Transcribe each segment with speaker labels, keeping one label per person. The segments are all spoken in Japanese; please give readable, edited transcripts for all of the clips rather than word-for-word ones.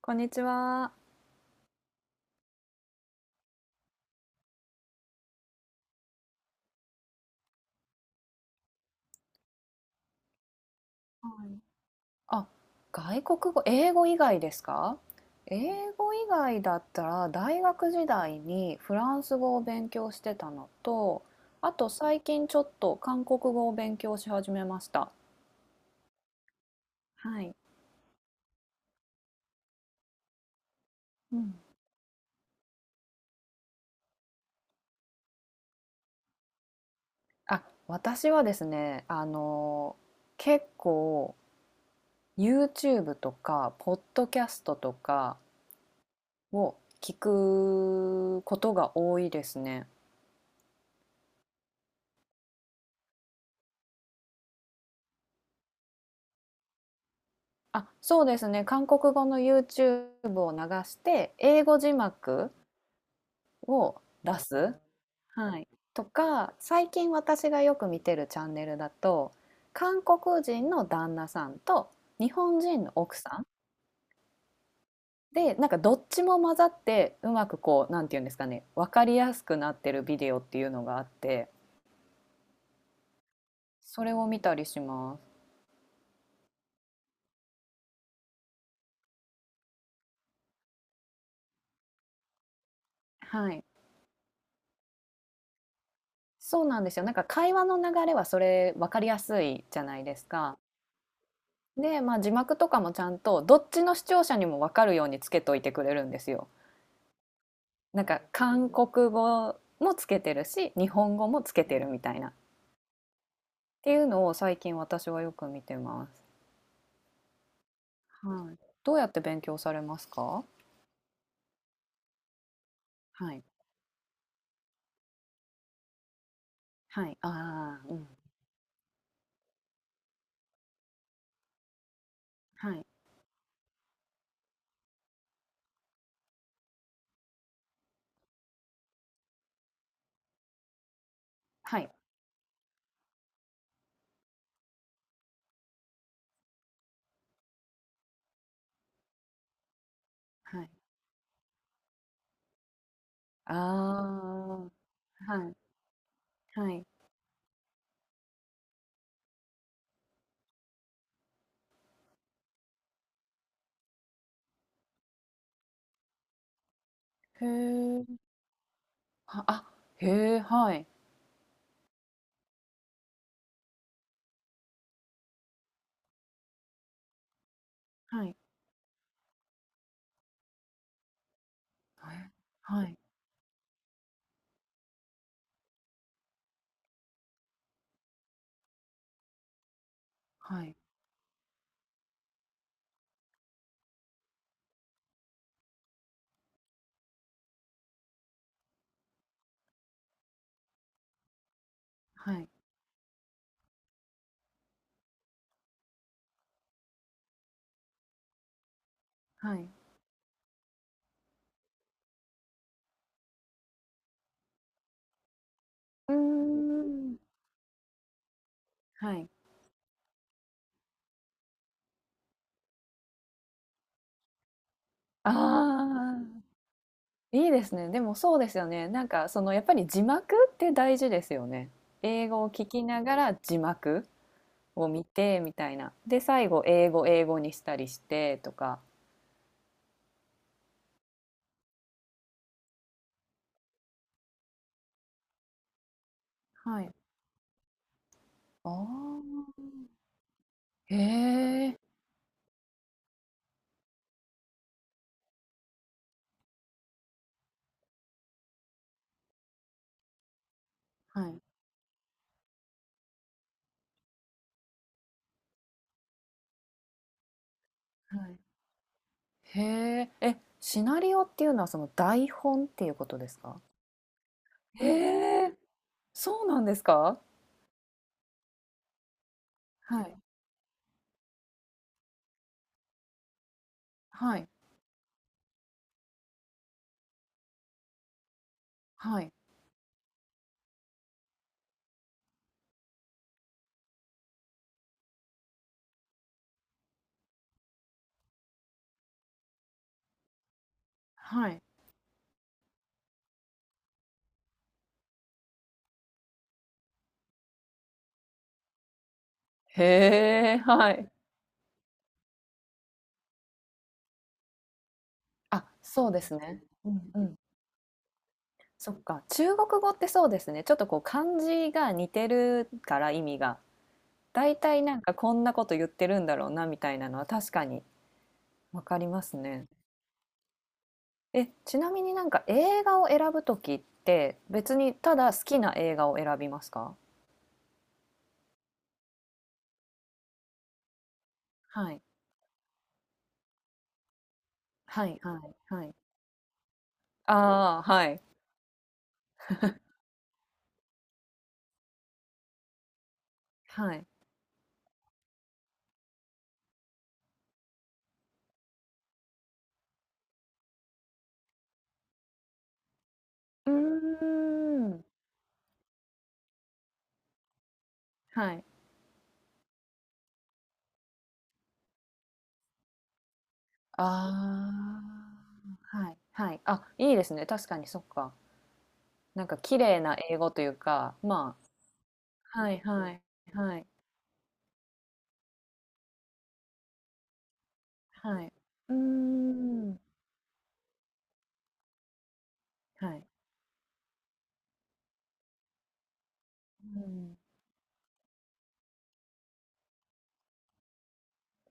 Speaker 1: こんにちは。はい。あ、外国語、英語以外ですか？英語以外だったら大学時代にフランス語を勉強してたのと、あと最近ちょっと韓国語を勉強し始めました。はい。うん。あ、私はですね、結構 YouTube とか、ポッドキャストとかを聞くことが多いですね。あ、そうですね。韓国語の YouTube を流して、英語字幕を出す。はい。とか、最近私がよく見てるチャンネルだと、韓国人の旦那さんと日本人の奥さんで、なんかどっちも混ざって、うまくこう、なんていうんですかね、わかりやすくなってるビデオっていうのがあって、それを見たりします。はい。そうなんですよ。なんか会話の流れはそれわかりやすいじゃないですか。で、まあ、字幕とかもちゃんとどっちの視聴者にも分かるようにつけといてくれるんですよ。なんか韓国語もつけてるし日本語もつけてるみたいなっていうのを最近私はよく見てます。はい、どうやって勉強されますか？はい。はい。ああ、うん。はい。はい。はい。ああ、はい。はい。へえ。はあ、へえ、はい。はい。はい。はい。はい。はい。はい。うーん。はい。ああ、いいですね。でもそうですよね。なんかそのやっぱり字幕って大事ですよね。英語を聞きながら字幕を見てみたいな。で、最後英語にしたりしてとか。はい。ああ、へえ、はい。はい。へえ、え、シナリオっていうのはその台本っていうことですか？へえ、そうなんですか？はい。はい。はい。はい。へえ、はい。あ、そうですね。うんうん。そっか、中国語ってそうですね。ちょっとこう漢字が似てるから意味が。だいたいなんかこんなこと言ってるんだろうなみたいなのは確かにわかりますね。え、ちなみになんか映画を選ぶときって別にただ好きな映画を選びますか？はい。はいはいはい。ああ、はい。はい。うーん。はい。ああ、はい、はい。あ、いいですね。確かに、そっか。なんか綺麗な英語というか、ま、はいはいはい、はい。うーん。はい。うん。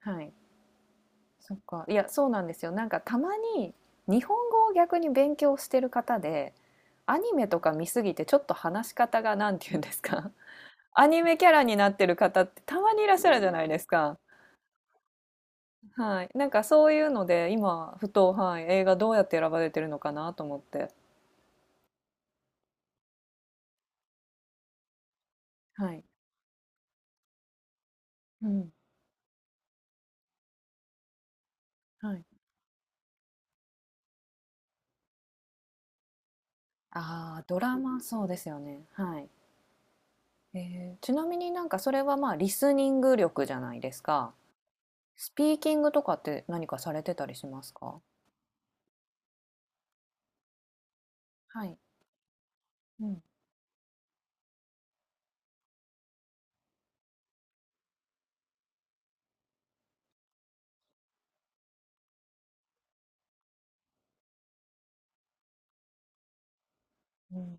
Speaker 1: はい。そっか。いや、そうなんですよ。なんかたまに日本語を逆に勉強してる方で、アニメとか見すぎてちょっと話し方がなんて言うんですか、アニメキャラになってる方ってたまにいらっしゃるじゃないですか。はい。なんかそういうので、今ふと、はい、映画どうやって選ばれてるのかなと思って。はい。うん。はい。ああ、ドラマ、そうですよね。はい。えー、ちなみになんかそれはまあリスニング力じゃないですか。スピーキングとかって何かされてたりしますか？はい。うん。うん。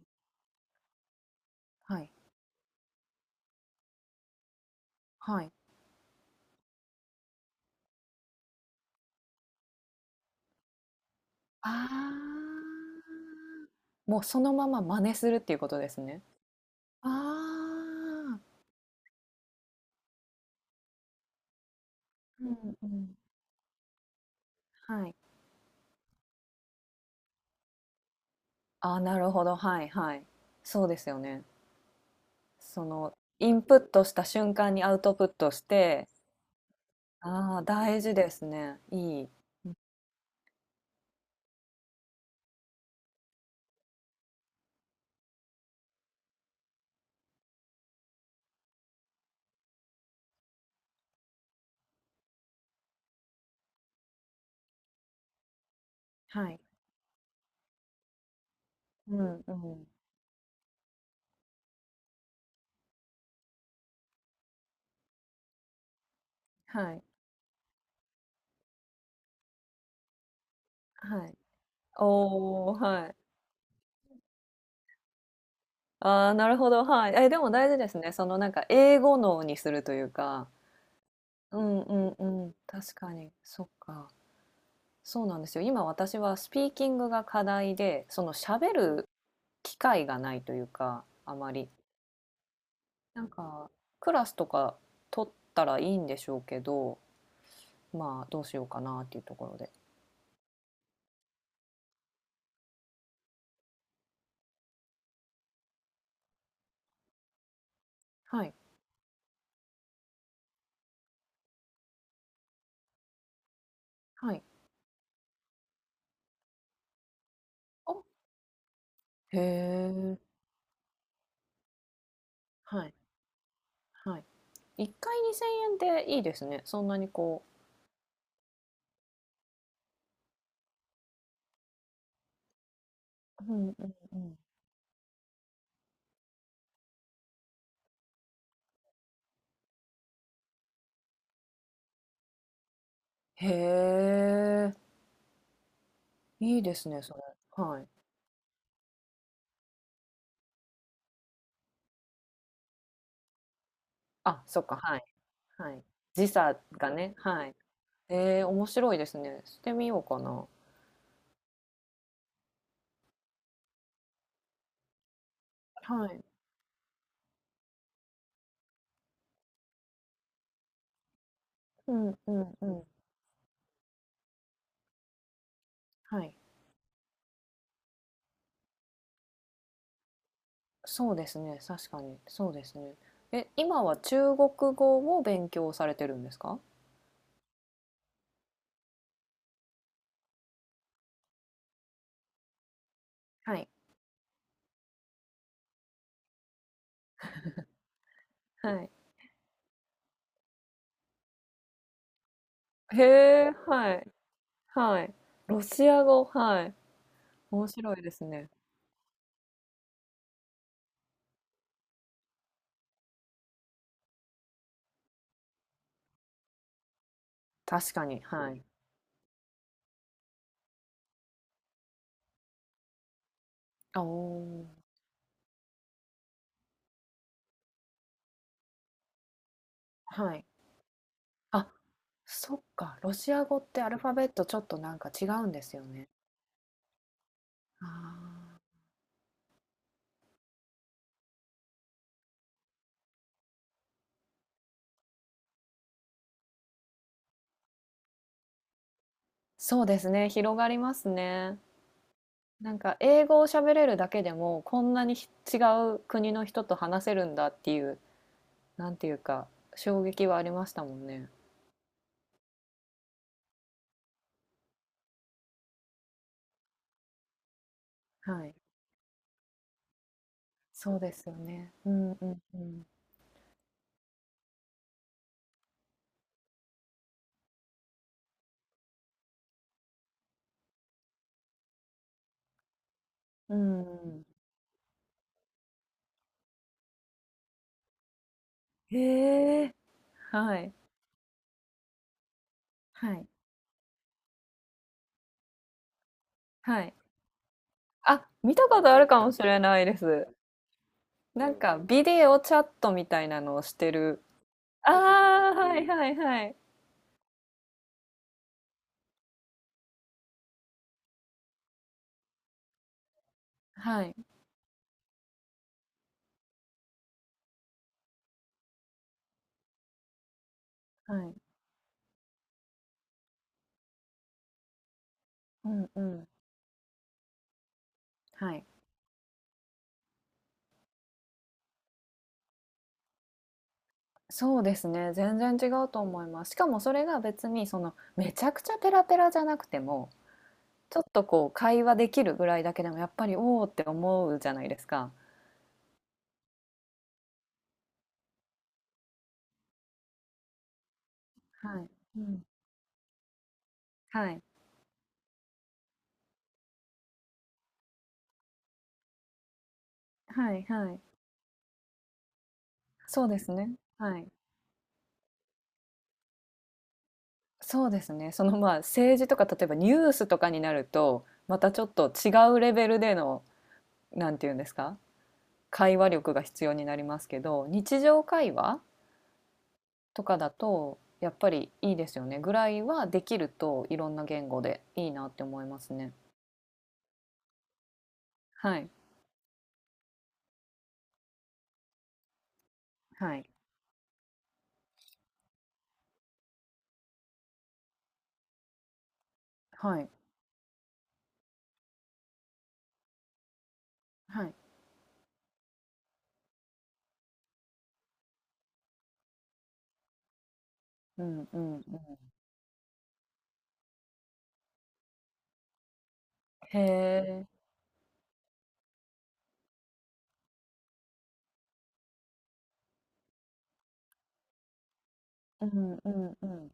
Speaker 1: はい。はい。ああ。もうそのまま真似するっていうことですね。ああ。うんうん。はい。ああ、なるほど。はいはい。そうですよね。そのインプットした瞬間にアウトプットして、ああ、大事ですね。いい。うん、はい。うんうん。はい。はい。おお、はい。ああ、なるほど、はい。え、でも大事ですね。そのなんか英語脳にするというか。うんうんうん。確かに。そっか。そうなんですよ。今私はスピーキングが課題で、その喋る機会がないというか、あまり。なんか、クラスとか取ったらいいんでしょうけど、まあ、どうしようかなっていうところで。はい、はい。お、へえ。はい、はい。1回2000円でいいですね。そんなにこう。うんうんうん。へえ、いいですね、それ。はい。あ、そっか、はい、はい。時差がね、はい。ええ、面白いですね。してみようかな。はい。うんうんうん。はい。そうですね、確かに、そうですね。え、今は中国語を勉強されてるんですか？はい、はい。へえ、はい、はい。ロシア語、はい。面白いですね。確かに、はい。あ、おお、はい。あ、そっか、ロシア語ってアルファベットちょっとなんか違うんですよね。あー、そうですね、広がりますね。なんか英語を喋れるだけでも、こんなに違う国の人と話せるんだっていう、なんていうか、衝撃はありましたもんね。はい。そうですよね。うんうんうん。うんうん。へえ。はい。はい。はい。あ、見たことあるかもしれないです。なんかビデオチャットみたいなのをしてる。ああ、はいはいはい。はいはい。うんうん。はい。そうですね、全然違うと思います。しかもそれが別にそのめちゃくちゃペラペラじゃなくても、ちょっとこう会話できるぐらいだけでもやっぱり「おお」って思うじゃないですか。はい。うん。はい。はいはい。そうですね。はい。そうですね。その、まあ、政治とか例えばニュースとかになると、またちょっと違うレベルでの、なんて言うんですか、会話力が必要になりますけど、日常会話とかだとやっぱりいいですよねぐらいはできるといろんな言語でいいなって思いますね。はいはいはいはい。うんうんうん。へえ。うんうんうん。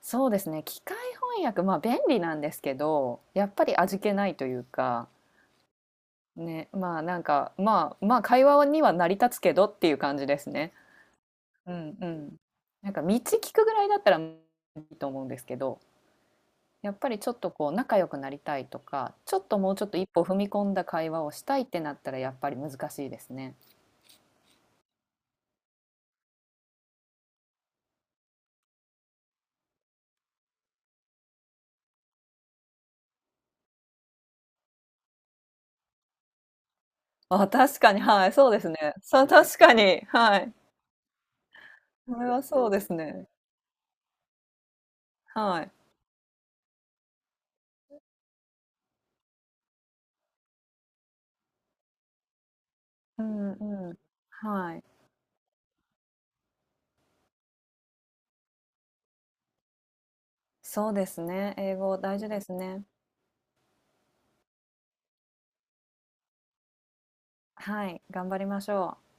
Speaker 1: そうですね。機械翻訳、まあ便利なんですけど、やっぱり味気ないというか、ね、まあなんか、まあまあ会話には成り立つけどっていう感じですね。うんうん。なんか道聞くぐらいだったらいいと思うんですけど。やっぱりちょっとこう仲良くなりたいとか、ちょっともうちょっと一歩踏み込んだ会話をしたいってなったらやっぱり難しいですね。あ、確かに、はい、そうですね。そう、確かに、はい。それはそうですね。はい。うんうん。はい。そうですね。英語大事ですね。はい、頑張りましょう。